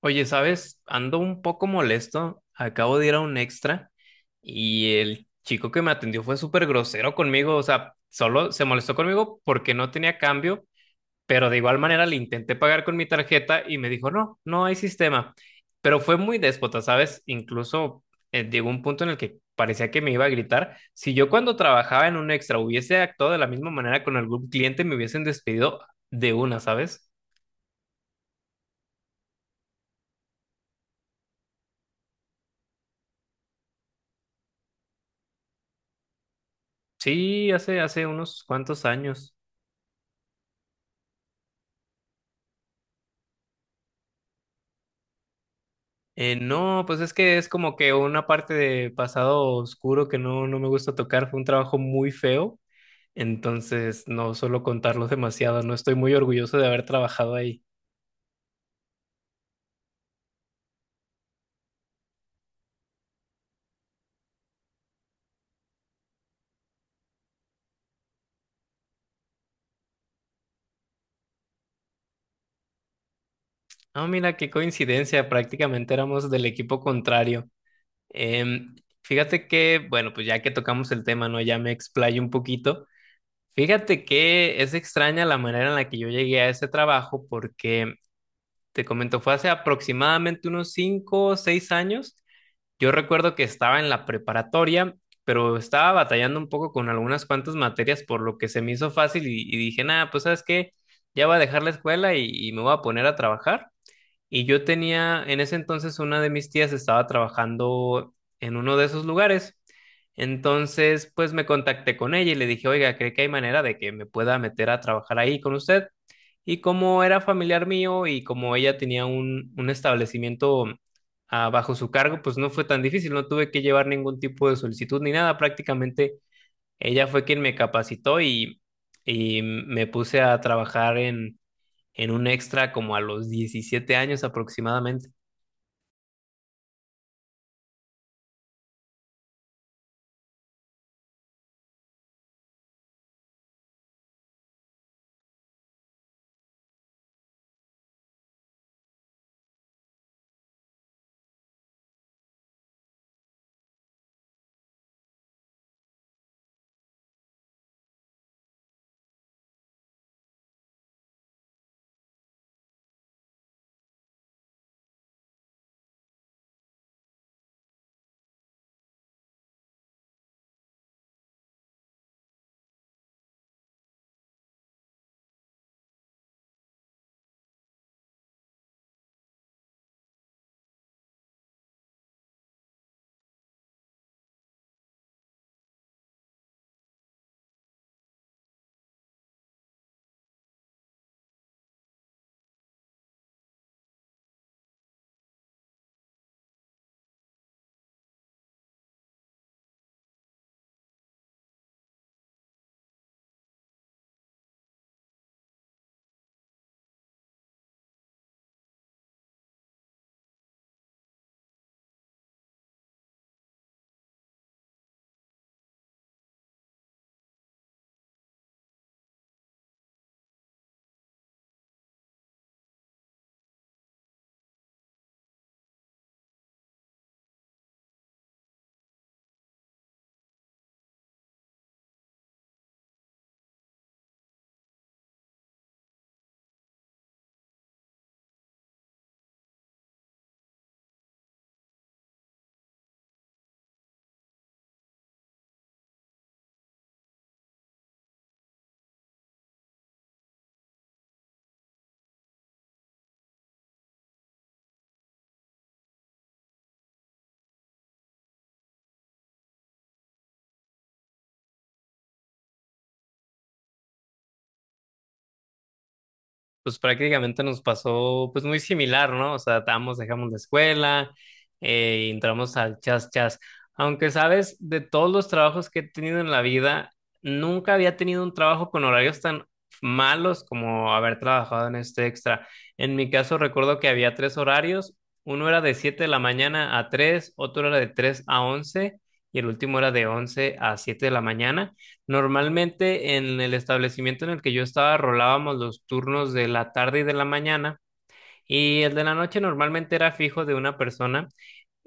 Oye, ¿sabes? Ando un poco molesto. Acabo de ir a un extra y el chico que me atendió fue súper grosero conmigo. O sea, solo se molestó conmigo porque no tenía cambio, pero de igual manera le intenté pagar con mi tarjeta y me dijo, no, no hay sistema. Pero fue muy déspota, ¿sabes? Incluso llegó un punto en el que parecía que me iba a gritar. Si yo cuando trabajaba en un extra hubiese actuado de la misma manera con algún cliente, me hubiesen despedido de una, ¿sabes? Sí, hace unos cuantos años. No, pues es que es como que una parte de pasado oscuro que no me gusta tocar. Fue un trabajo muy feo, entonces no suelo contarlo demasiado. No estoy muy orgulloso de haber trabajado ahí. Ah, mira, qué coincidencia, prácticamente éramos del equipo contrario. Em, Fíjate que, bueno, pues ya que tocamos el tema, ¿no? Ya me explayo un poquito. Fíjate que es extraña la manera en la que yo llegué a ese trabajo porque, te comento, fue hace aproximadamente unos 5 o 6 años. Yo recuerdo que estaba en la preparatoria, pero estaba batallando un poco con algunas cuantas materias, por lo que se me hizo fácil y, dije, nada, pues sabes qué, ya voy a dejar la escuela y, me voy a poner a trabajar. Y yo tenía, en ese entonces, una de mis tías estaba trabajando en uno de esos lugares. Entonces, pues me contacté con ella y le dije, oiga, ¿cree que hay manera de que me pueda meter a trabajar ahí con usted? Y como era familiar mío y como ella tenía un, establecimiento bajo su cargo, pues no fue tan difícil, no tuve que llevar ningún tipo de solicitud ni nada. Prácticamente ella fue quien me capacitó y, me puse a trabajar en un extra como a los 17 años aproximadamente. Pues prácticamente nos pasó pues muy similar, ¿no? O sea, estábamos, dejamos la escuela, y entramos al chas chas. Aunque sabes, de todos los trabajos que he tenido en la vida, nunca había tenido un trabajo con horarios tan malos como haber trabajado en este extra. En mi caso recuerdo que había tres horarios, uno era de 7 de la mañana a 3, otro era de 3 a 11 y el último era de 11 a 7 de la mañana. Normalmente en el establecimiento en el que yo estaba rolábamos los turnos de la tarde y de la mañana, y el de la noche normalmente era fijo de una persona.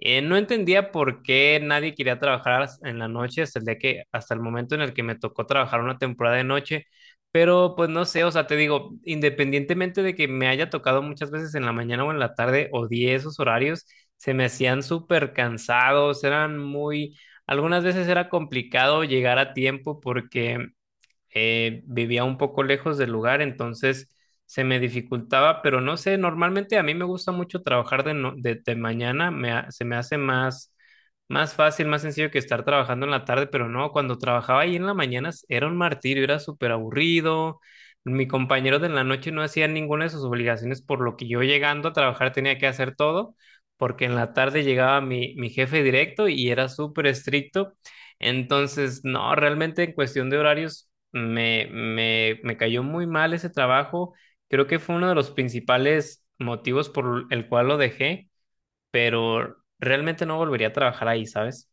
No entendía por qué nadie quería trabajar en la noche hasta el día que, hasta el momento en el que me tocó trabajar una temporada de noche, pero pues no sé, o sea, te digo, independientemente de que me haya tocado muchas veces en la mañana o en la tarde, odié esos horarios, se me hacían súper cansados, eran muy... Algunas veces era complicado llegar a tiempo porque vivía un poco lejos del lugar, entonces se me dificultaba, pero no sé, normalmente a mí me gusta mucho trabajar de, no- de mañana, se me hace más, más fácil, más sencillo que estar trabajando en la tarde, pero no, cuando trabajaba ahí en la mañana era un martirio, era súper aburrido, mi compañero de la noche no hacía ninguna de sus obligaciones, por lo que yo llegando a trabajar tenía que hacer todo. Porque en la tarde llegaba mi, jefe directo y era súper estricto, entonces, no, realmente en cuestión de horarios me cayó muy mal ese trabajo. Creo que fue uno de los principales motivos por el cual lo dejé, pero realmente no volvería a trabajar ahí, ¿sabes?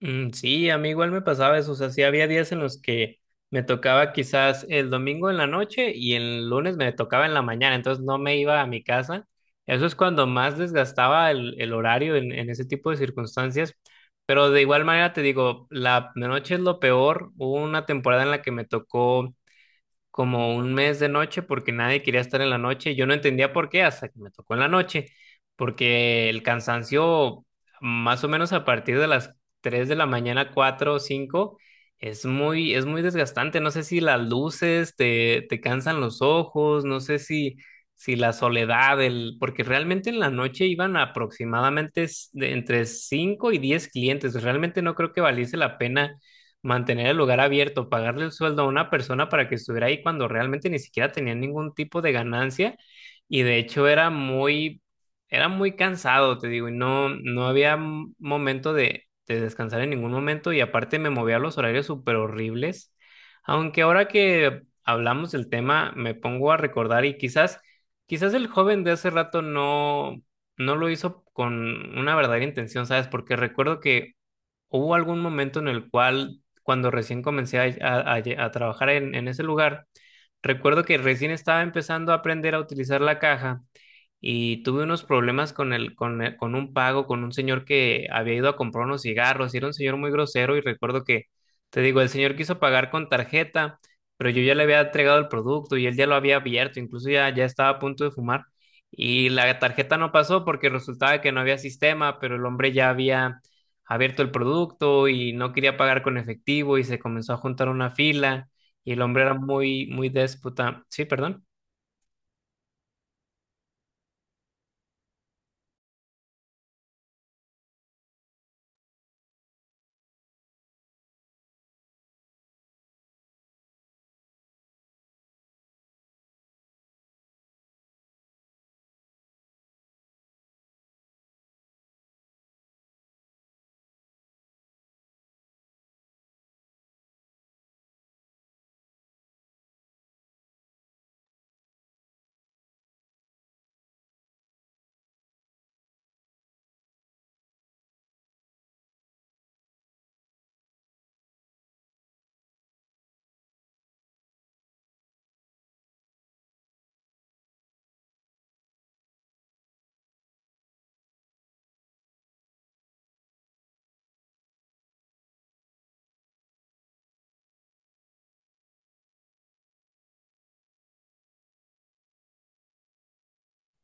Mm, sí, a mí igual me pasaba eso, o sea, sí había días en los que me tocaba quizás el domingo en la noche y el lunes me tocaba en la mañana, entonces no me iba a mi casa. Eso es cuando más desgastaba el, horario en, ese tipo de circunstancias, pero de igual manera te digo, la noche es lo peor. Hubo una temporada en la que me tocó como un mes de noche porque nadie quería estar en la noche. Yo no entendía por qué hasta que me tocó en la noche, porque el cansancio, más o menos a partir de las 3 de la mañana, 4 o 5, es muy desgastante. No sé si las luces te, cansan los ojos, no sé si, si la soledad, el, porque realmente en la noche iban aproximadamente de entre 5 y 10 clientes. Realmente no creo que valiese la pena mantener el lugar abierto, pagarle el sueldo a una persona para que estuviera ahí cuando realmente ni siquiera tenía ningún tipo de ganancia y de hecho era muy cansado, te digo, y no había momento de, descansar en ningún momento y aparte me movía a los horarios súper horribles, aunque ahora que hablamos del tema me pongo a recordar y quizás, quizás el joven de hace rato no... No lo hizo con una verdadera intención, ¿sabes? Porque recuerdo que hubo algún momento en el cual, cuando recién comencé a trabajar en, ese lugar, recuerdo que recién estaba empezando a aprender a utilizar la caja y tuve unos problemas con un pago, con un señor que había ido a comprar unos cigarros, y era un señor muy grosero y recuerdo que, te digo, el señor quiso pagar con tarjeta, pero yo ya le había entregado el producto y él ya lo había abierto, incluso ya estaba a punto de fumar y la tarjeta no pasó porque resultaba que no había sistema, pero el hombre ya había abierto el producto y no quería pagar con efectivo y se comenzó a juntar una fila y el hombre era muy, muy déspota. Sí, perdón.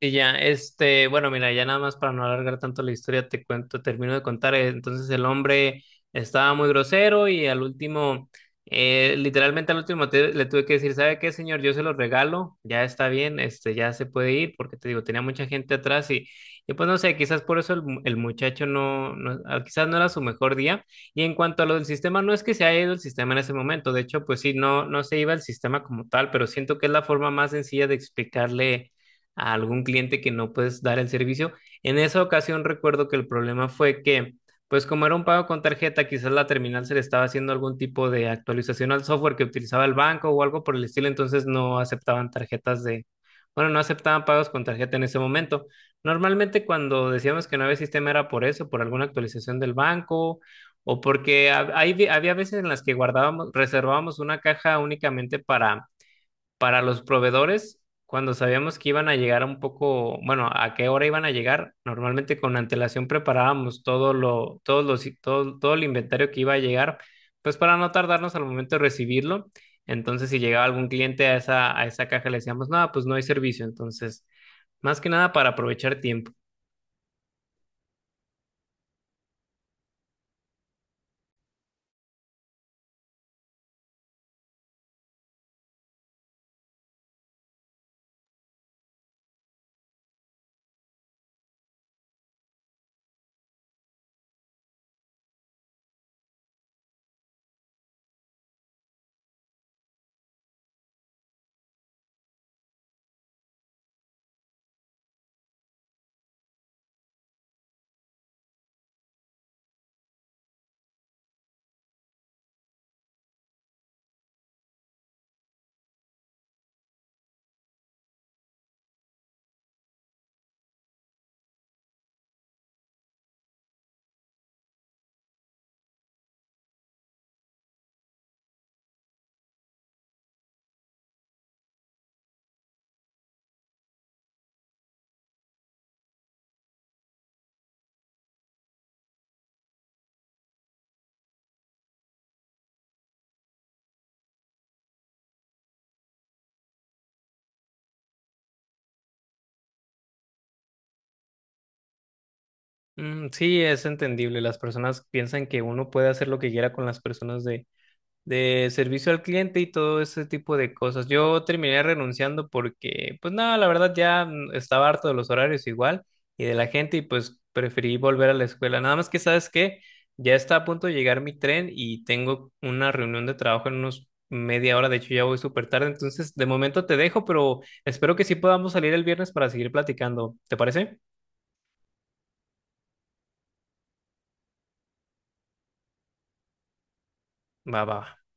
Y ya, este, bueno, mira, ya nada más para no alargar tanto la historia, te cuento, termino de contar. Entonces el hombre estaba muy grosero y al último, literalmente al último le tuve que decir, ¿sabe qué, señor? Yo se lo regalo, ya está bien, este, ya se puede ir, porque te digo, tenía mucha gente atrás y, pues no sé, quizás por eso el muchacho quizás no era su mejor día. Y en cuanto a lo del sistema, no es que se haya ido el sistema en ese momento, de hecho, pues sí, no se iba el sistema como tal, pero siento que es la forma más sencilla de explicarle a algún cliente que no puedes dar el servicio. En esa ocasión recuerdo que el problema fue que, pues como era un pago con tarjeta, quizás la terminal se le estaba haciendo algún tipo de actualización al software que utilizaba el banco o algo por el estilo, entonces no aceptaban tarjetas de, bueno, no aceptaban pagos con tarjeta en ese momento. Normalmente cuando decíamos que no había sistema era por eso, por alguna actualización del banco o porque había veces en las que guardábamos, reservábamos una caja únicamente para los proveedores, cuando sabíamos que iban a llegar un poco, bueno, a qué hora iban a llegar, normalmente con antelación preparábamos todo lo, todos los, todo, todo el inventario que iba a llegar, pues para no tardarnos al momento de recibirlo. Entonces, si llegaba algún cliente a esa, caja, le decíamos, no, pues no hay servicio. Entonces, más que nada para aprovechar tiempo. Mm, sí, es entendible. Las personas piensan que uno puede hacer lo que quiera con las personas de, servicio al cliente y todo ese tipo de cosas. Yo terminé renunciando porque, pues nada, la verdad ya estaba harto de los horarios igual y de la gente y pues preferí volver a la escuela. Nada más que sabes que ya está a punto de llegar mi tren y tengo una reunión de trabajo en unos media hora, de hecho ya voy súper tarde, entonces de momento te dejo, pero espero que sí podamos salir el viernes para seguir platicando. ¿Te parece? Va, va. Va.